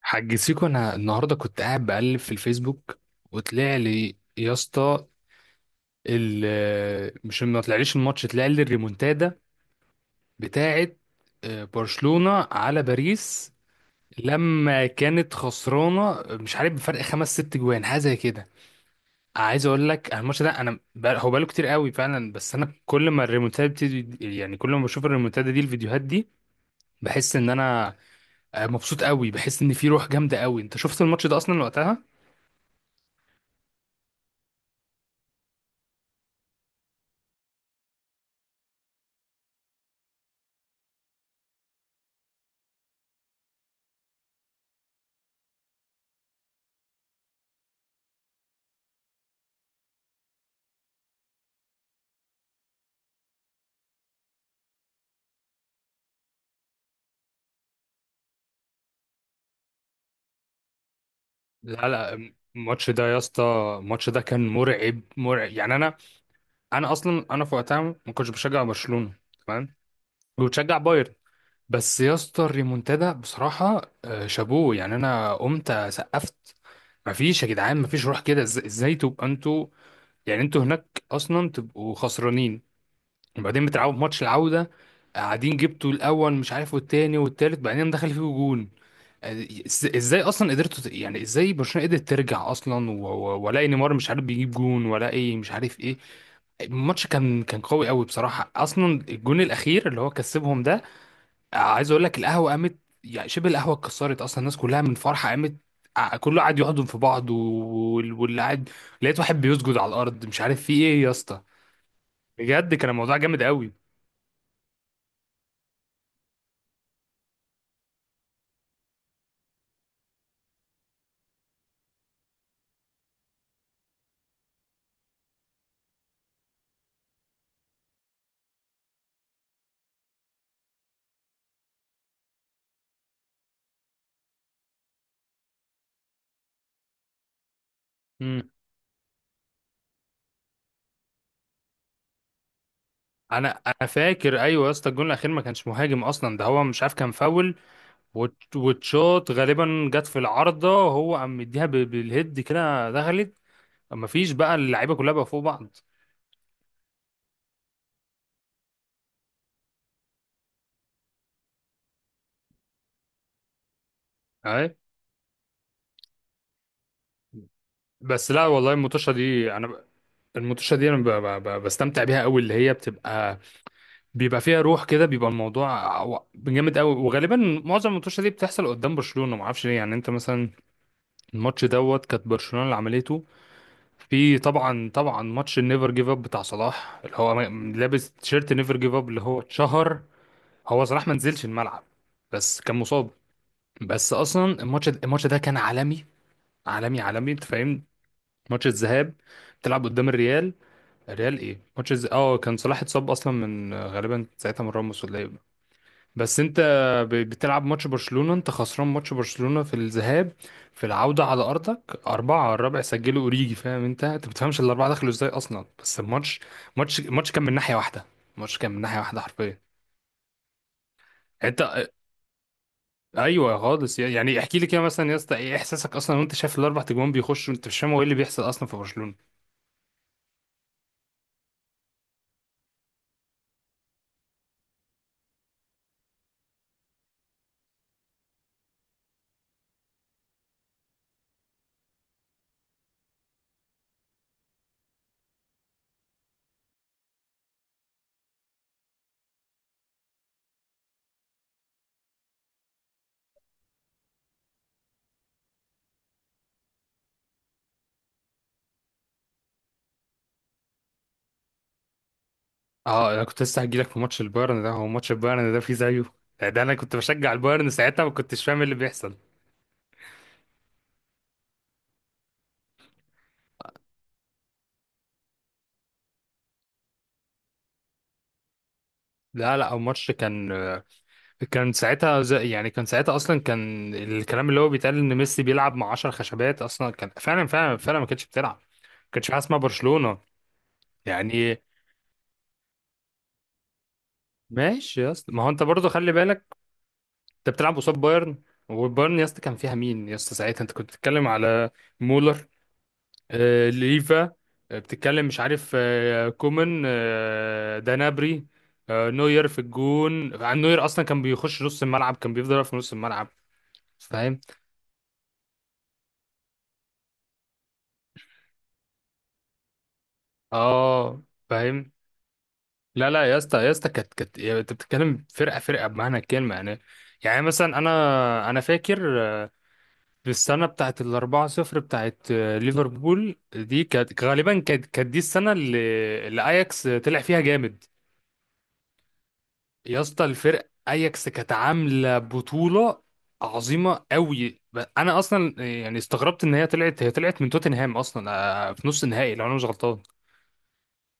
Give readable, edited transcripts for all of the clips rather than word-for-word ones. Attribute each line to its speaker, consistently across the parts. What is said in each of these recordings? Speaker 1: حاج سيكو، انا النهارده كنت قاعد بقلب في الفيسبوك وطلع لي يا اسطى، مش ما طلعليش الماتش، طلع لي الريمونتادا بتاعه. برشلونة على باريس لما كانت خسرانة، مش عارف بفرق خمس ست جوان حاجة زي كده. عايز اقول لك أنا الماتش ده انا بقى هو بقاله كتير قوي فعلا، بس انا كل ما الريمونتادا بتدي يعني كل ما بشوف الريمونتادا دي الفيديوهات دي بحس ان انا مبسوط قوي، بحس ان في روح جامدة قوي. انت شفت الماتش ده اصلا وقتها؟ لا لا، الماتش ده يا اسطى، الماتش ده كان مرعب مرعب يعني. انا اصلا انا في وقتها ما كنتش بشجع برشلونة، تمام، وبشجع بايرن. بس يا اسطى الريمونتادا بصراحة شابوه يعني، انا قمت سقفت. مفيش يا جدعان، مفيش روح كده. ازاي تبقى انتوا يعني انتوا هناك اصلا تبقوا خسرانين وبعدين بتلعبوا في ماتش العودة قاعدين جبتوا الاول مش عارف والتاني والتالت بعدين دخل فيكوا جون؟ ازاي اصلا قدرتوا يعني ازاي برشلونة قدرت ترجع اصلا ولا نيمار مش عارف بيجيب جون ولا ايه مش عارف ايه؟ الماتش كان قوي قوي بصراحة، اصلا الجون الاخير اللي هو كسبهم ده، عايز اقول لك القهوة قامت، يعني شبه القهوة اتكسرت اصلا، الناس كلها من فرحة قامت. كله قاعد يحضن في بعض واللي قاعد لقيت واحد بيسجد على الارض، مش عارف في ايه يا اسطى. بجد كان الموضوع جامد قوي. مم. انا فاكر ايوه يا اسطى، الجون الاخير ما كانش مهاجم اصلا ده، هو مش عارف كان فاول وتشوت غالبا جت في العارضة، هو قام مديها بالهيد كده دخلت. مفيش بقى، اللعيبة كلها بقى فوق بعض. اهي. بس لا والله، المطوشة دي انا المطوشة دي انا بستمتع بيها قوي، اللي هي بتبقى بيبقى فيها روح كده، بيبقى الموضوع جامد قوي. وغالبا معظم المطوشة دي بتحصل قدام برشلونة، ما اعرفش ليه. يعني انت مثلا الماتش دوت كانت برشلونة اللي عملته، في طبعا طبعا ماتش النيفر جيف اب بتاع صلاح، اللي هو لابس تيشيرت نيفر جيف اب اللي هو اتشهر. هو صلاح ما نزلش الملعب، بس كان مصاب. بس اصلا الماتش ده كان عالمي، عالمي عالمي، انت فاهم؟ ماتش الذهاب بتلعب قدام الريال، الريال ايه، اه كان صلاح اتصاب اصلا من غالبا ساعتها من راموس ولا ايه. بس انت بتلعب ماتش برشلونة، انت خسران ماتش برشلونة في الذهاب، في العودة على ارضك أربعة، الرابع سجله اوريجي، فاهم؟ انت بتفهمش الأربعة دخلوا ازاي اصلا، بس الماتش ماتش كان من ناحية واحدة، الماتش كان من ناحية واحدة حرفيا. انت ايوه خالص، يعني احكي لي كده مثلا يا اسطى ايه احساسك اصلا وانت شايف الاربع تجوان بيخشوا، انت مش فاهم هو ايه اللي بيحصل اصلا في برشلونه. اه انا كنت لسه هجيلك في ماتش البايرن ده، هو ماتش البايرن ده فيه زيه، ده انا كنت بشجع البايرن ساعتها، ما كنتش فاهم إيه اللي بيحصل. لا لا، الماتش كان ساعتها زي يعني، كان ساعتها اصلا كان الكلام اللي هو بيتقال ان ميسي بيلعب مع 10 خشبات اصلا، كان فعلا فعلا فعلا ما كانتش بتلعب، ما كانتش في حاجه اسمها برشلونه يعني. ماشي يا اسطى، ما هو انت برضه خلي بالك، انت بتلعب قصاد بايرن، وبايرن يا اسطى كان فيها مين يا اسطى ساعتها؟ انت كنت بتتكلم على مولر، آه ليفا، آه بتتكلم مش عارف، آه كومان، آه دانابري، آه نوير في الجون، عن نوير اصلا كان بيخش نص الملعب، كان بيفضل واقف في نص الملعب، فاهم؟ اه فاهم. لا لا يا اسطى، يا اسطى كانت يعني انت بتتكلم فرقه بمعنى الكلمه يعني. يعني مثلا انا فاكر في السنة بتاعت الأربعة صفر بتاعت ليفربول دي، كانت غالبا كانت دي السنة اللي أياكس طلع فيها جامد. يا اسطى الفرق أياكس كانت عاملة بطولة عظيمة قوي، أنا أصلا يعني استغربت إن هي طلعت، هي طلعت من توتنهام أصلا في نص النهائي لو أنا مش غلطان.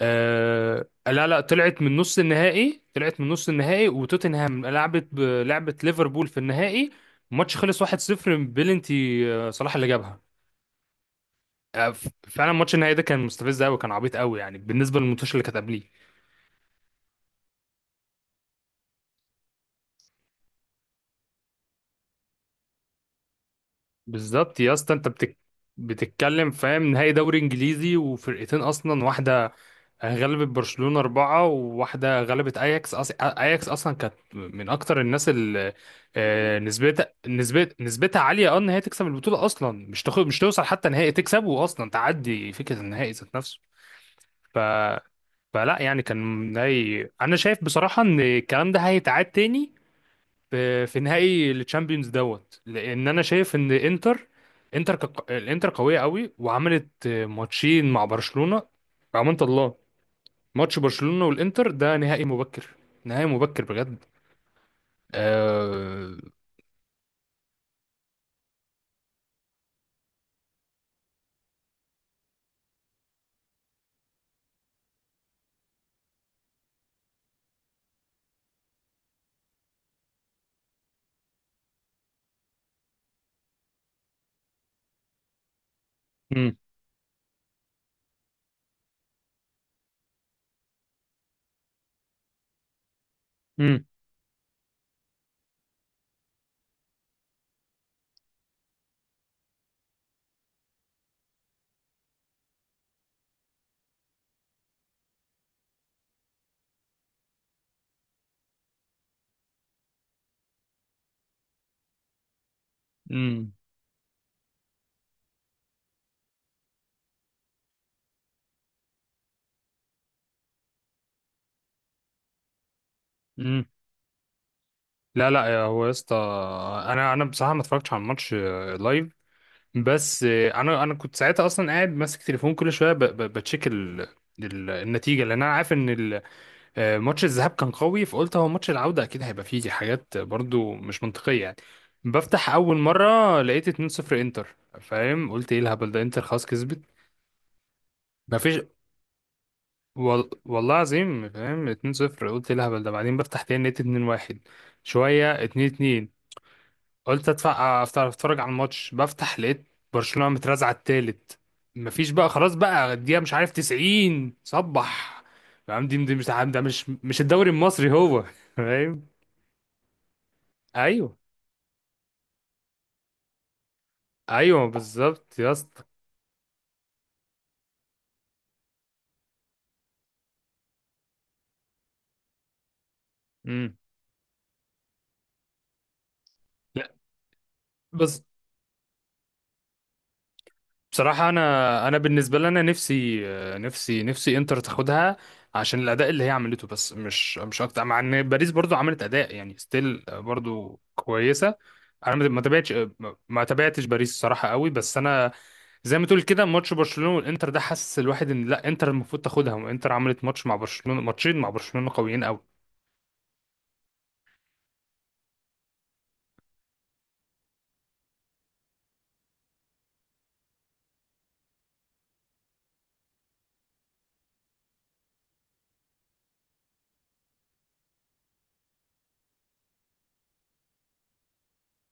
Speaker 1: أه لا لا، طلعت من نص النهائي، طلعت من نص النهائي وتوتنهام لعبت لعبت ليفربول في النهائي، الماتش خلص 1-0 بلنتي صلاح اللي جابها. فعلا ماتش النهائي ده كان مستفز قوي، كان عبيط قوي يعني بالنسبه للماتش اللي كانت قبليه. بالظبط يا اسطى، انت بتتكلم فاهم نهائي دوري انجليزي وفرقتين اصلا، واحده غلبت برشلونه اربعه وواحده غلبت اياكس، اياكس اصلا كانت من اكتر الناس اللي نسبتها عاليه اه ان هي تكسب البطوله اصلا، مش توصل حتى نهائي، تكسب واصلا تعدي فكره النهائي ذات نفسه. ف... فلا يعني كان نهائي، انا شايف بصراحه ان الكلام ده هيتعاد تاني في نهائي الشامبيونز دوت، لان انا شايف ان انتر، الانتر قويه قوي وعملت ماتشين مع برشلونه، امانه الله. ماتش برشلونه والانتر ده نهائي مبكر، نهائي مبكر بجد. آه... مم. مم. مم. مم. لا لا هو يا اسطى، انا بصراحه ما اتفرجتش على الماتش لايف، بس انا كنت ساعتها اصلا قاعد ماسك تليفون كل شويه بتشيك النتيجه، لان انا عارف ان ماتش الذهاب كان قوي، فقلت هو ماتش العودة أكيد هيبقى فيه حاجات برضو مش منطقية يعني. بفتح أول مرة لقيت 2-0 إنتر، فاهم؟ قلت إيه الهبل ده، إنتر خلاص كسبت، مفيش. والله العظيم فاهم 2-0، قلت إيه الهبل ده. بعدين بفتح تاني لقيت 2-1، شوية 2-2، قلت أدفع أفتح أتفرج على الماتش، بفتح لقيت برشلونة مترازعة التالت. مفيش بقى، خلاص بقى الدقيقة مش عارف 90 صبح، يا عم دي مش ده، مش مش الدوري المصري هو، فاهم؟ ايوه ايوه بالظبط يا اسطى. امم. لا بس بصراحه انا، انا بالنسبه لي انا نفسي، نفسي نفسي انتر تاخدها عشان الاداء اللي هي عملته، بس مش مش اكتر، مع ان باريس برضو عملت اداء يعني ستيل برضو كويسه. انا ما تابعتش، ما تابعتش باريس الصراحه قوي، بس انا زي ما تقول كده ماتش برشلونه والانتر ده حسس الواحد ان لا انتر المفروض تاخدها، وانتر عملت ماتش مع برشلونه، ماتشين مع برشلونه قويين قوي.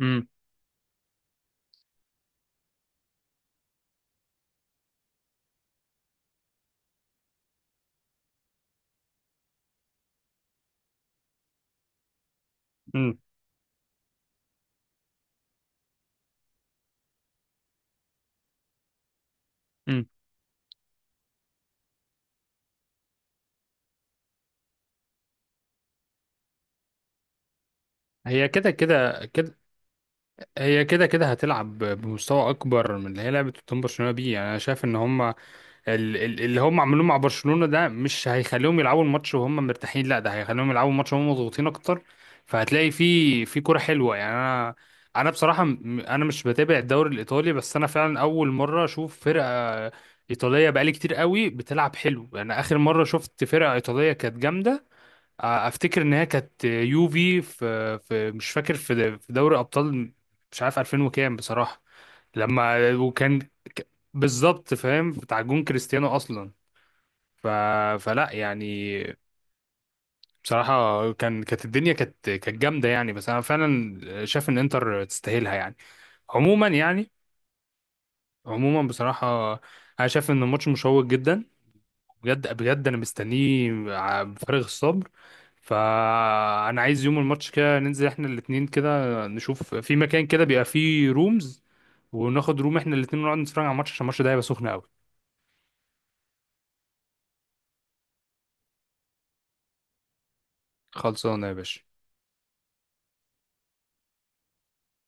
Speaker 1: امم. امم. امم. هي كده كده كده، هي كده كده هتلعب بمستوى اكبر من اللي هي لعبه قدام برشلونه بيه. يعني انا شايف ان هم اللي هم عملوه مع برشلونه ده مش هيخليهم يلعبوا الماتش وهم مرتاحين، لا ده هيخليهم يلعبوا الماتش وهم مضغوطين اكتر، فهتلاقي في كوره حلوه يعني. انا، انا بصراحه انا مش بتابع الدوري الايطالي، بس انا فعلا اول مره اشوف فرقه ايطاليه بقالي كتير قوي بتلعب حلو. يعني اخر مره شفت فرقه ايطاليه كانت جامده، افتكر ان هي كانت يوفي في مش فاكر في دوري ابطال، مش عارف 2000 وكام بصراحه، لما وكان ك- بالظبط فاهم بتاع جون كريستيانو اصلا. ف فلا يعني، بصراحه كان الدنيا كانت جامده يعني، بس انا فعلا شايف ان انتر تستاهلها يعني، عموما يعني. عموما بصراحه انا شايف ان الماتش مشوق جدا، بجد بجد انا مستنيه بفارغ الصبر. فانا عايز يوم الماتش كده ننزل احنا الاتنين كده، نشوف في مكان كده بيبقى فيه رومز، وناخد روم احنا الاتنين ونقعد نتفرج على الماتش، عشان الماتش ده هيبقى سخن قوي. خلصانه يا باشا.